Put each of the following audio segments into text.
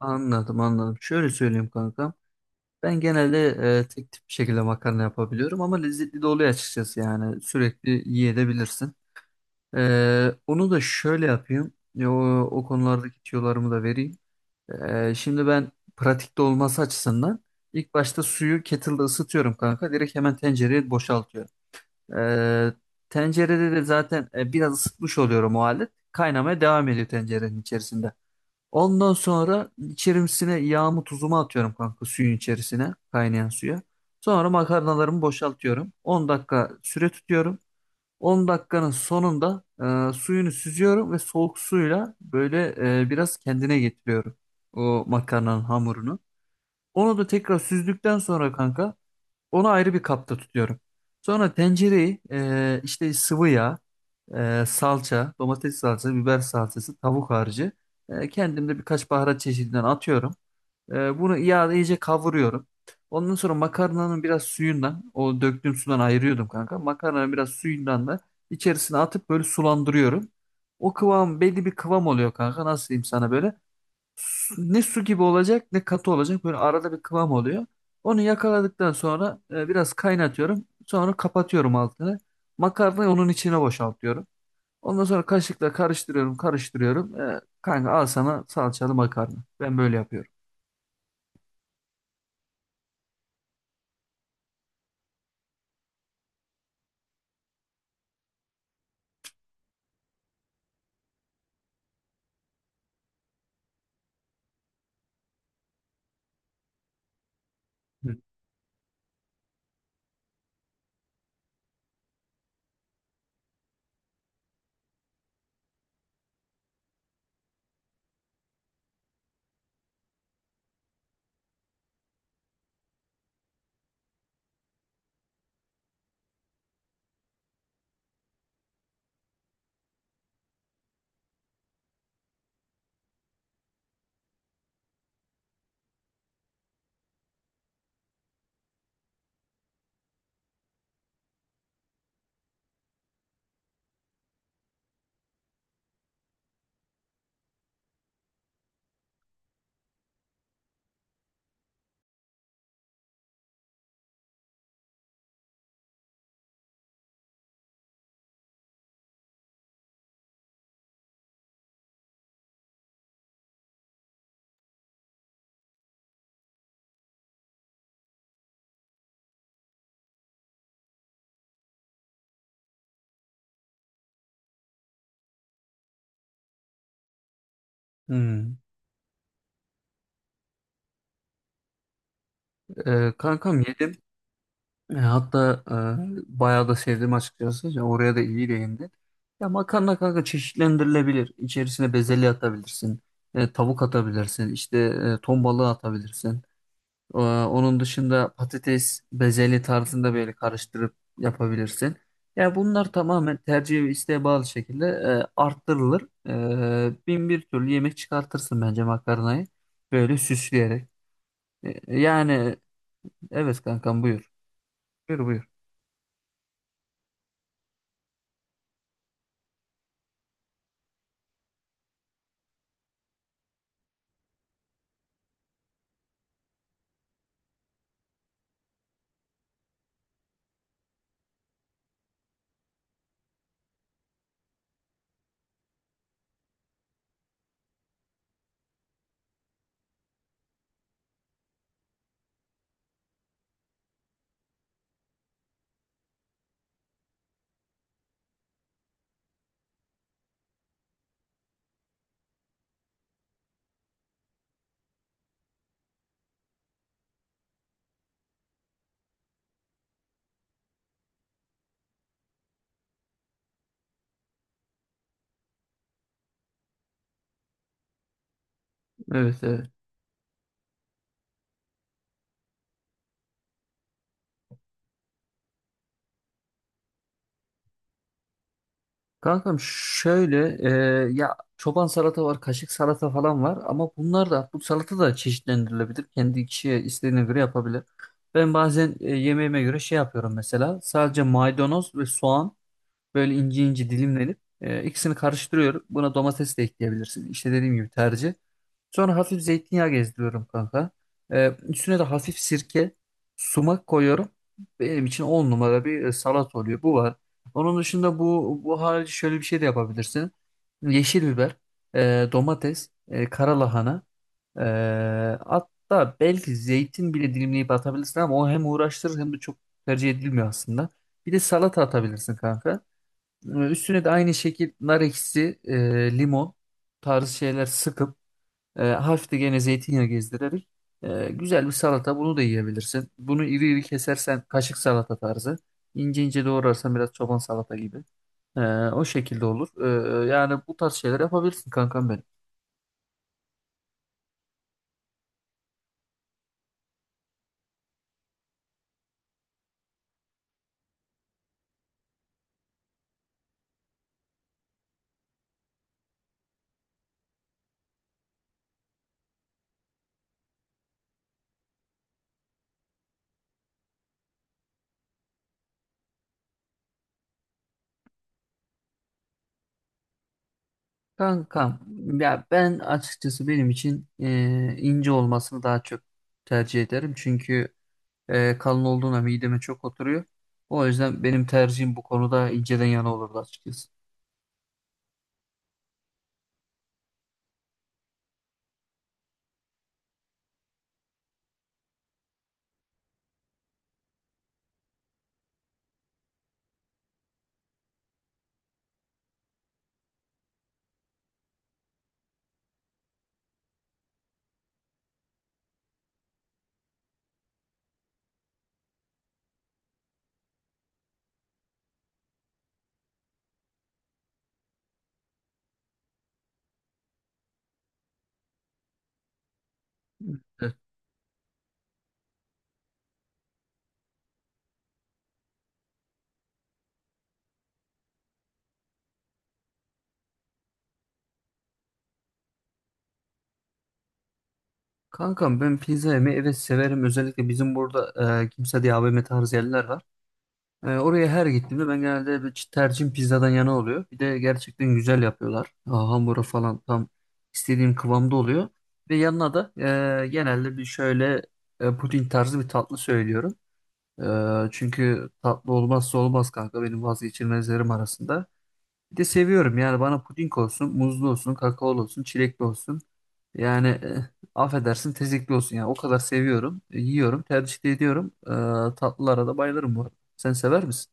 Anladım anladım. Şöyle söyleyeyim kankam. Ben genelde tek tip bir şekilde makarna yapabiliyorum ama lezzetli de oluyor açıkçası yani sürekli yiyebilirsin. Onu da şöyle yapayım. O konulardaki tüyolarımı da vereyim. Şimdi ben pratikte olması açısından ilk başta suyu kettle'da ısıtıyorum kanka. Direkt hemen tencereye boşaltıyorum. E, Tencerede de zaten biraz ısıtmış oluyorum o halde. Kaynamaya devam ediyor tencerenin içerisinde. Ondan sonra içerisine yağımı tuzumu atıyorum kanka suyun içerisine kaynayan suya. Sonra makarnalarımı boşaltıyorum. 10 dakika süre tutuyorum. 10 dakikanın sonunda suyunu süzüyorum ve soğuk suyla böyle biraz kendine getiriyorum o makarnanın hamurunu. Onu da tekrar süzdükten sonra kanka onu ayrı bir kapta tutuyorum. Sonra tencereyi işte sıvı yağ, salça, domates salçası, biber salçası, tavuk harcı. Kendim de birkaç baharat çeşidinden atıyorum. Bunu yağda iyice kavuruyorum. Ondan sonra makarnanın biraz suyundan, o döktüğüm sudan ayırıyordum kanka. Makarnanın biraz suyundan da içerisine atıp böyle sulandırıyorum. O kıvam belli bir kıvam oluyor kanka. Nasıl diyeyim sana böyle? Ne su gibi olacak ne katı olacak. Böyle arada bir kıvam oluyor. Onu yakaladıktan sonra biraz kaynatıyorum. Sonra kapatıyorum altını. Makarnayı onun içine boşaltıyorum. Ondan sonra kaşıkla karıştırıyorum, karıştırıyorum. Kanka al sana salçalı makarna. Ben böyle yapıyorum. Hı. Hmm. Kankam yedim. Hatta bayağı da sevdim açıkçası. Ya oraya da iyi değindin. Ya makarna kanka çeşitlendirilebilir. İçerisine bezelye atabilirsin. Tavuk atabilirsin. İşte ton balığı atabilirsin. Onun dışında patates bezeli tarzında böyle karıştırıp yapabilirsin. Ya bunlar tamamen tercih ve isteğe bağlı şekilde arttırılır. Bin bir türlü yemek çıkartırsın bence makarnayı. Böyle süsleyerek. Yani evet kankam buyur. Buyur buyur. Evet evet. Kankam şöyle ya çoban salata var, kaşık salata falan var ama bunlar da bu salata da çeşitlendirilebilir. Kendi kişiye istediğine göre yapabilir. Ben bazen yemeğime göre şey yapıyorum mesela. Sadece maydanoz ve soğan böyle ince ince dilimlenip ikisini karıştırıyorum. Buna domates de ekleyebilirsin. İşte dediğim gibi tercih. Sonra hafif zeytinyağı gezdiriyorum kanka. Üstüne de hafif sirke, sumak koyuyorum. Benim için 10 numara bir salat oluyor. Bu var. Onun dışında bu harici şöyle bir şey de yapabilirsin. Yeşil biber, domates, kara lahana, e, hatta belki zeytin bile dilimleyip atabilirsin ama o hem uğraştırır hem de çok tercih edilmiyor aslında. Bir de salata atabilirsin kanka. Üstüne de aynı şekil nar ekşisi, limon tarzı şeyler sıkıp hafif de gene zeytinyağı gezdirerek güzel bir salata bunu da yiyebilirsin. Bunu iri iri kesersen kaşık salata tarzı. İnce ince doğrarsan biraz çoban salata gibi. E, O şekilde olur. Yani bu tarz şeyler yapabilirsin kankam benim. Kankam ya ben açıkçası benim için ince olmasını daha çok tercih ederim. Çünkü kalın olduğuna mideme çok oturuyor. O yüzden benim tercihim bu konuda inceden yana olurdu açıkçası. Kankam ben pizza yemeyi evet severim. Özellikle bizim burada kimse diye AVM tarzı yerler var. Oraya her gittiğimde ben genelde bir tercihim pizzadan yana oluyor. Bir de gerçekten güzel yapıyorlar. Hamuru falan tam istediğim kıvamda oluyor. Ve yanına da genelde bir şöyle puding tarzı bir tatlı söylüyorum. Çünkü tatlı olmazsa olmaz kanka benim vazgeçilmezlerim arasında. Bir de seviyorum yani bana puding olsun, muzlu olsun, kakaolu olsun, çilekli olsun. Yani affedersin tezekli olsun. Yani o kadar seviyorum. Yiyorum. Tercih de ediyorum. Tatlılara da bayılırım bu arada. Sen sever misin?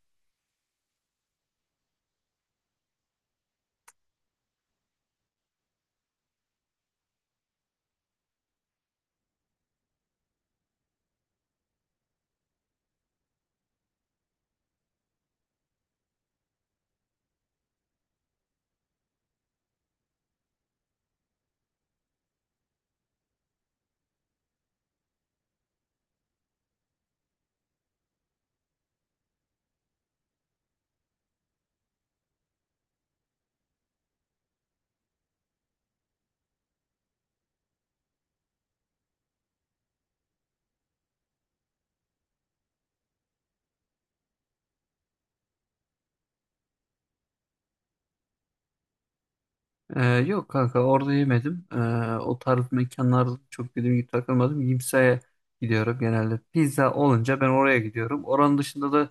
Yok kanka orada yemedim. O tarz mekanlarda çok dediğim gibi takılmadım. Yimsa'ya gidiyorum genelde. Pizza olunca ben oraya gidiyorum. Oranın dışında da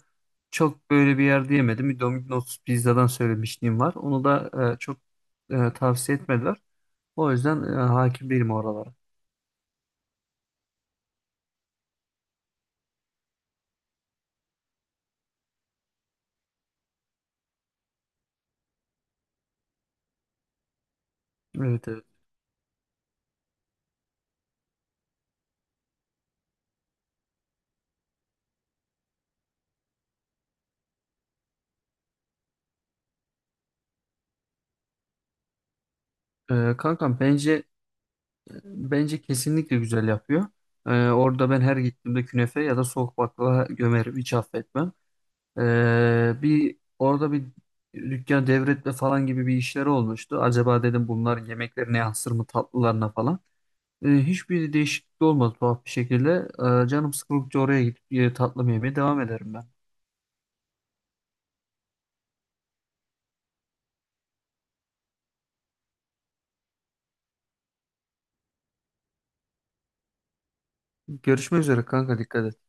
çok böyle bir yerde yemedim. Domino's pizzadan söylemişliğim var. Onu da çok tavsiye etmediler. O yüzden hakim değilim oralara. Evet evet. Kankam bence kesinlikle güzel yapıyor. Orada ben her gittiğimde künefe ya da soğuk baklava gömerim. Hiç affetmem. Bir orada bir dükkan devretme falan gibi bir işleri olmuştu. Acaba dedim bunlar yemeklerine yansır mı tatlılarına falan. Hiçbir değişiklik olmadı tuhaf bir şekilde. Canım sıkıldıkça oraya gidip tatlı mı yemeye devam ederim ben. Görüşmek üzere kanka dikkat et.